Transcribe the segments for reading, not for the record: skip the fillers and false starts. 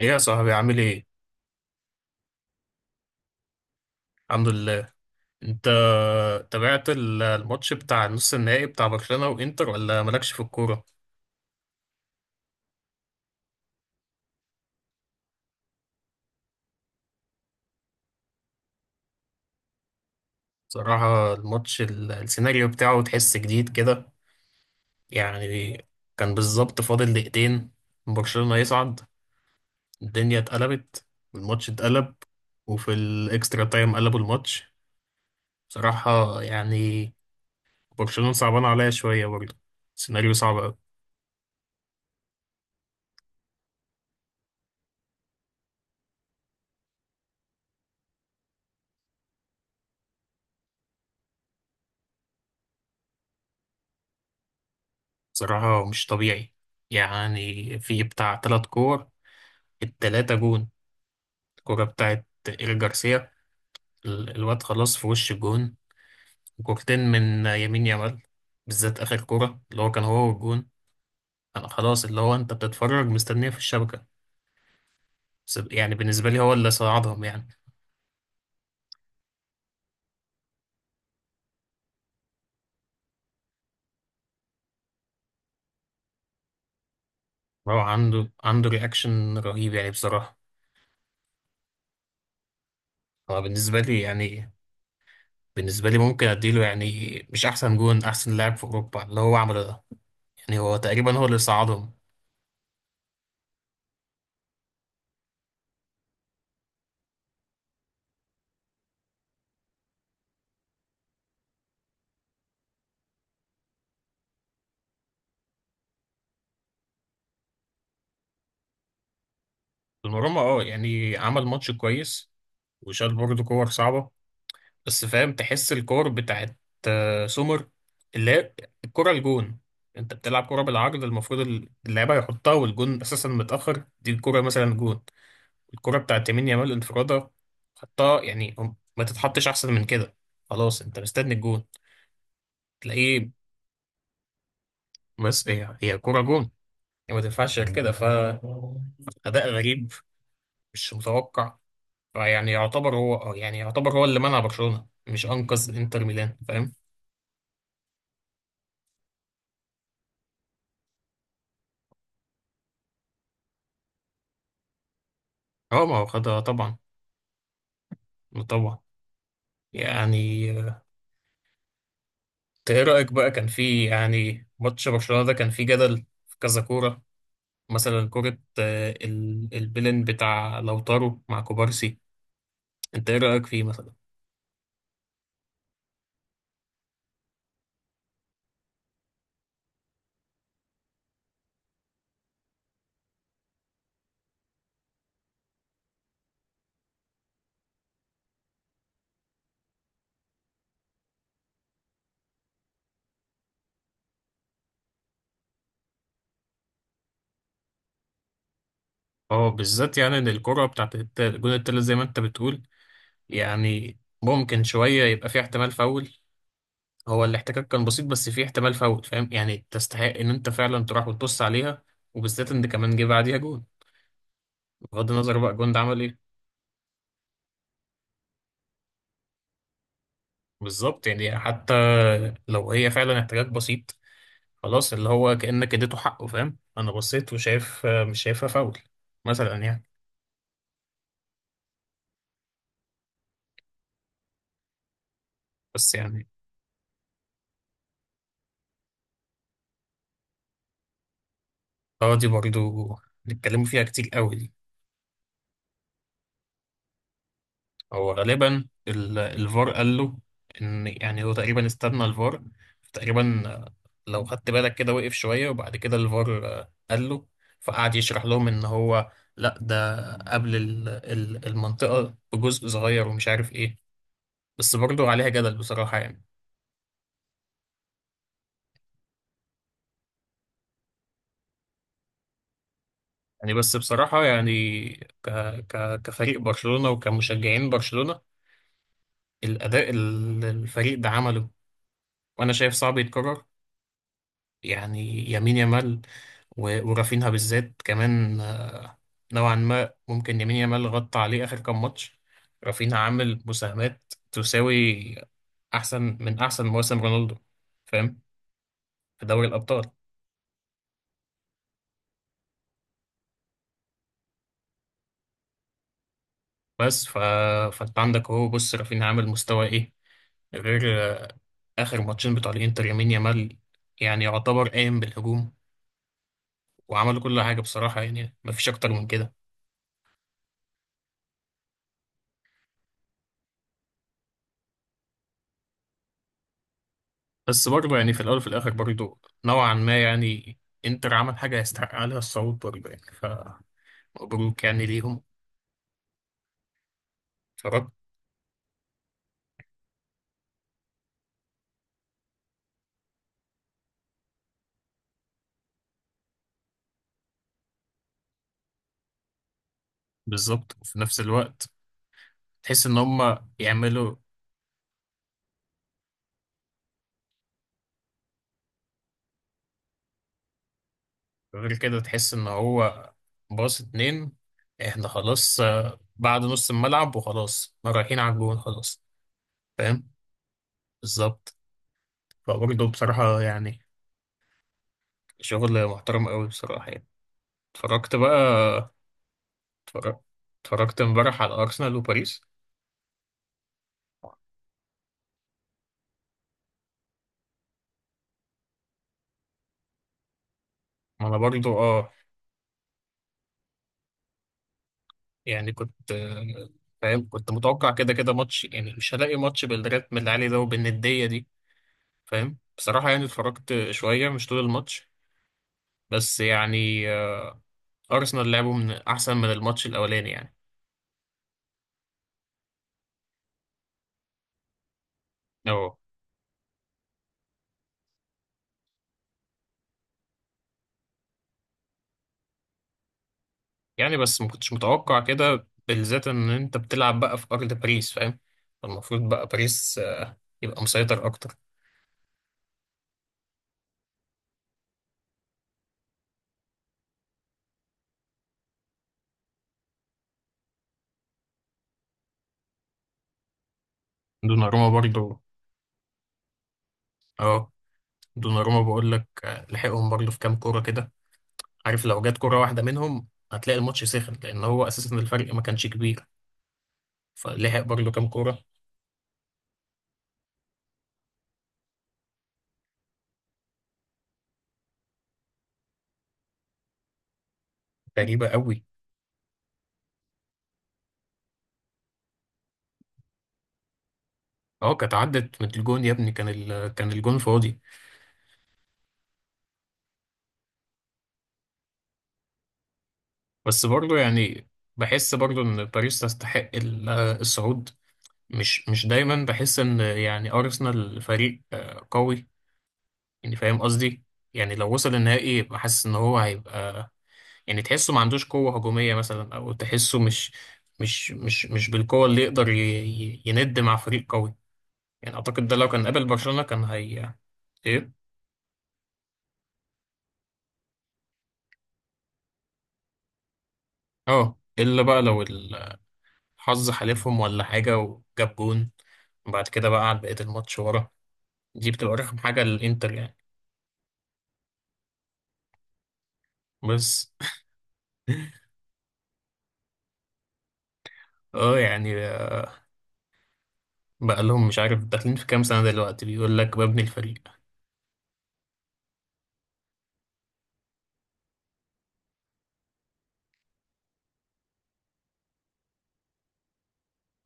ايه يا صاحبي عامل ايه؟ الحمد لله. انت تابعت الماتش بتاع النص النهائي بتاع برشلونة وانتر ولا مالكش في الكورة؟ صراحة الماتش السيناريو بتاعه تحس جديد كده، يعني كان بالظبط فاضل دقيقتين، برشلونة يصعد، الدنيا اتقلبت، الماتش اتقلب، وفي الاكسترا تايم قلبوا الماتش. بصراحة يعني برشلونة صعبان عليا شوية برضه، سيناريو صعب أوي. بصراحة مش طبيعي، يعني في بتاع تلات كور، التلاتة جون، الكرة بتاعت إيريك جارسيا، الواد خلاص في وش الجون، وكورتين من يمين يامال، بالذات آخر كرة اللي هو كان هو والجون، أنا خلاص اللي هو أنت بتتفرج مستنيه في الشبكة. بس يعني بالنسبة لي هو اللي صعدهم يعني. هو عنده رياكشن رهيب يعني بصراحة. هو بالنسبة لي يعني، بالنسبة لي ممكن أديله، يعني مش أحسن جون، أحسن لاعب في أوروبا اللي هو عمله ده، يعني هو تقريبا هو اللي صعدهم. دوناروما اه يعني عمل ماتش كويس، وشال برضه كور صعبة، بس فاهم تحس الكور بتاعت سومر، اللي هي الكرة الجون، انت بتلعب كرة بالعرض المفروض اللعيبة يحطها والجون اساسا متأخر، دي الكرة مثلا جون، الكرة بتاعت يمين يامال انفرادة، حطها، يعني ما تتحطش احسن من كده، خلاص انت مستني الجون تلاقيه. بس هي كرة جون يعني، ما تنفعش غير كده، ف أداء غريب، مش متوقع. فيعني يعتبر هو يعني يعتبر هو اللي منع برشلونة، مش أنقذ انتر ميلان، فاهم. اه ما هو خدها طبعا، طبعا، يعني. انت ايه رأيك بقى، كان في يعني ماتش برشلونة ده كان في جدل في كذا كورة، مثلا كورة البلن بتاع لوتارو مع كوبارسي، انت ايه رأيك فيه مثلا؟ اه، بالذات يعني ان الكرة بتاعت الجون التالت زي ما انت بتقول، يعني ممكن شوية يبقى في احتمال فاول، هو الاحتكاك كان بسيط بس في احتمال فاول، فاهم يعني، تستحق ان انت فعلا تروح وتبص عليها، وبالذات ان كمان جه بعديها جون، بغض النظر بقى الجون ده عمل ايه. بالظبط يعني حتى لو هي فعلا احتكاك بسيط، خلاص اللي هو كأنك اديته حقه، فاهم، انا بصيت وشايف مش شايفها فاول، مثلا يعني. بس يعني اه، دي برضو نتكلموا فيها كتير قوي دي. هو غالبا الفار قال له ان يعني هو تقريبا استنى الفار تقريبا، لو خدت بالك كده وقف شوية وبعد كده الفار قال له، فقعد يشرح لهم ان هو لا ده قبل المنطقة بجزء صغير ومش عارف ايه، بس برضو عليها جدل بصراحة يعني. يعني بس بصراحة يعني، ك... كفريق برشلونة وكمشجعين برشلونة، الأداء اللي الفريق ده عمله وأنا شايف صعب يتكرر، يعني يمين يامال و... ورافينها بالذات كمان، نوعا ما ممكن يمين يامال غطى عليه آخر كام ماتش، رافينها عامل مساهمات تساوي أحسن من أحسن مواسم رونالدو، فاهم، في دوري الأبطال. بس فأنت عندك، هو بص رافينها عامل مستوى إيه غير آخر ماتشين بتوع الإنتر، يمين يامال يعني يعتبر قايم بالهجوم، وعملوا كل حاجة بصراحة يعني، مفيش أكتر من كده. بس برضه يعني، في الأول وفي الآخر برضه نوعا ما يعني، إنتر عمل حاجة يستحق عليها الصعود برضه يعني، فمبروك يعني ليهم. اتفرجت بالظبط، وفي نفس الوقت تحس إن هما يعملوا غير كده، تحس إن هو باص اتنين، إحنا خلاص بعد نص الملعب وخلاص رايحين على الجون، خلاص، فاهم، بالظبط. فبرضه بصراحة يعني، شغل محترم قوي بصراحة يعني، اتفرجت بقى، اتفرج- اتفرجت امبارح على أرسنال وباريس. ما انا برضو اه، يعني كنت فاهم، كنت متوقع كده كده ماتش يعني مش هلاقي ماتش بالريتم اللي عليه ده وبالندية دي، فاهم، بصراحة يعني اتفرجت شوية مش طول الماتش، بس يعني أرسنال لعبوا من أحسن من الماتش الأولاني يعني. اه يعني، بس ما كنتش متوقع كده، بالذات إن أنت بتلعب بقى في أرض باريس، فاهم، المفروض بقى باريس يبقى مسيطر أكتر. دوناروما برضو، اه دوناروما بقول لك لحقهم برضو في كام كوره كده، عارف لو جت كوره واحده منهم هتلاقي الماتش سخن، لان هو اساسا الفرق ما كانش كبير، فلحق برضو كام كوره. غريبه قوي، اه كانت عدت من الجون يا ابني، كان كان الجون فاضي. بس برضو يعني، بحس برضو ان باريس تستحق الصعود، مش مش دايما بحس ان يعني ارسنال فريق قوي يعني، فاهم قصدي، يعني لو وصل النهائي بحس ان هو هيبقى يعني تحسه ما عندوش قوة هجومية مثلا، أو تحسه مش بالقوة اللي يقدر يند مع فريق قوي، يعني أعتقد ده لو كان قابل برشلونة كان هي. إيه؟ أه إلا بقى لو الحظ حالفهم ولا حاجة وجاب جون، وبعد كده بقى قعد بقية الماتش ورا، دي بتبقى رخم حاجة للإنتر يعني. بس أه يعني، بقى لهم مش عارف داخلين في كام سنة دلوقتي، بيقول لك ببني الفريق،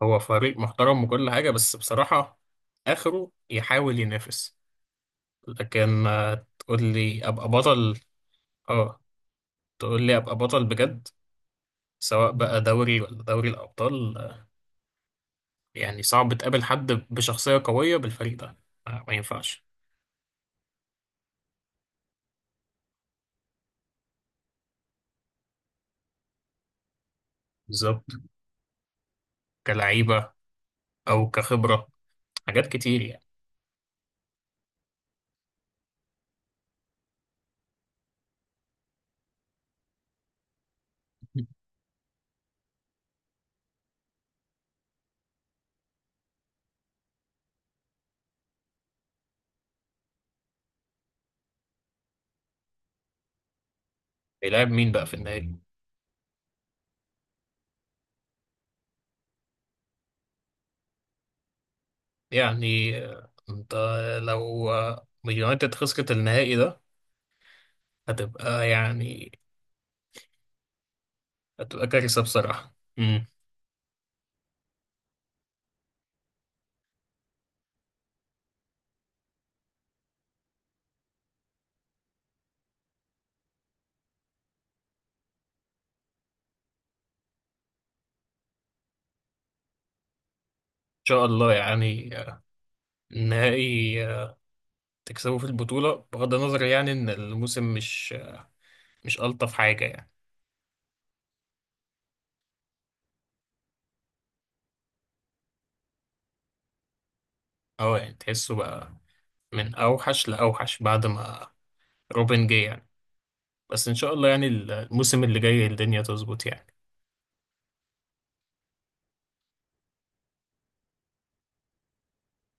هو فريق محترم وكل حاجة بس بصراحة آخره يحاول ينافس، لكن تقول لي ابقى بطل، اه، تقول لي ابقى بطل بجد، سواء بقى دوري ولا دوري الابطال يعني صعب تقابل حد بشخصية قوية بالفريق ده، ما ينفعش بالظبط، كلعيبة او كخبرة، حاجات كتير يعني. بيلعب مين بقى في النهائي؟ يعني انت لو يونايتد خسرت النهائي ده هتبقى يعني، هتبقى كارثة بصراحة. ان شاء الله يعني النهائي تكسبه في البطولة، بغض النظر يعني إن الموسم مش ألطف حاجة يعني. أه يعني تحسه بقى من أوحش لأوحش، بعد ما روبن جه يعني، بس إن شاء الله يعني الموسم اللي جاي الدنيا تظبط يعني.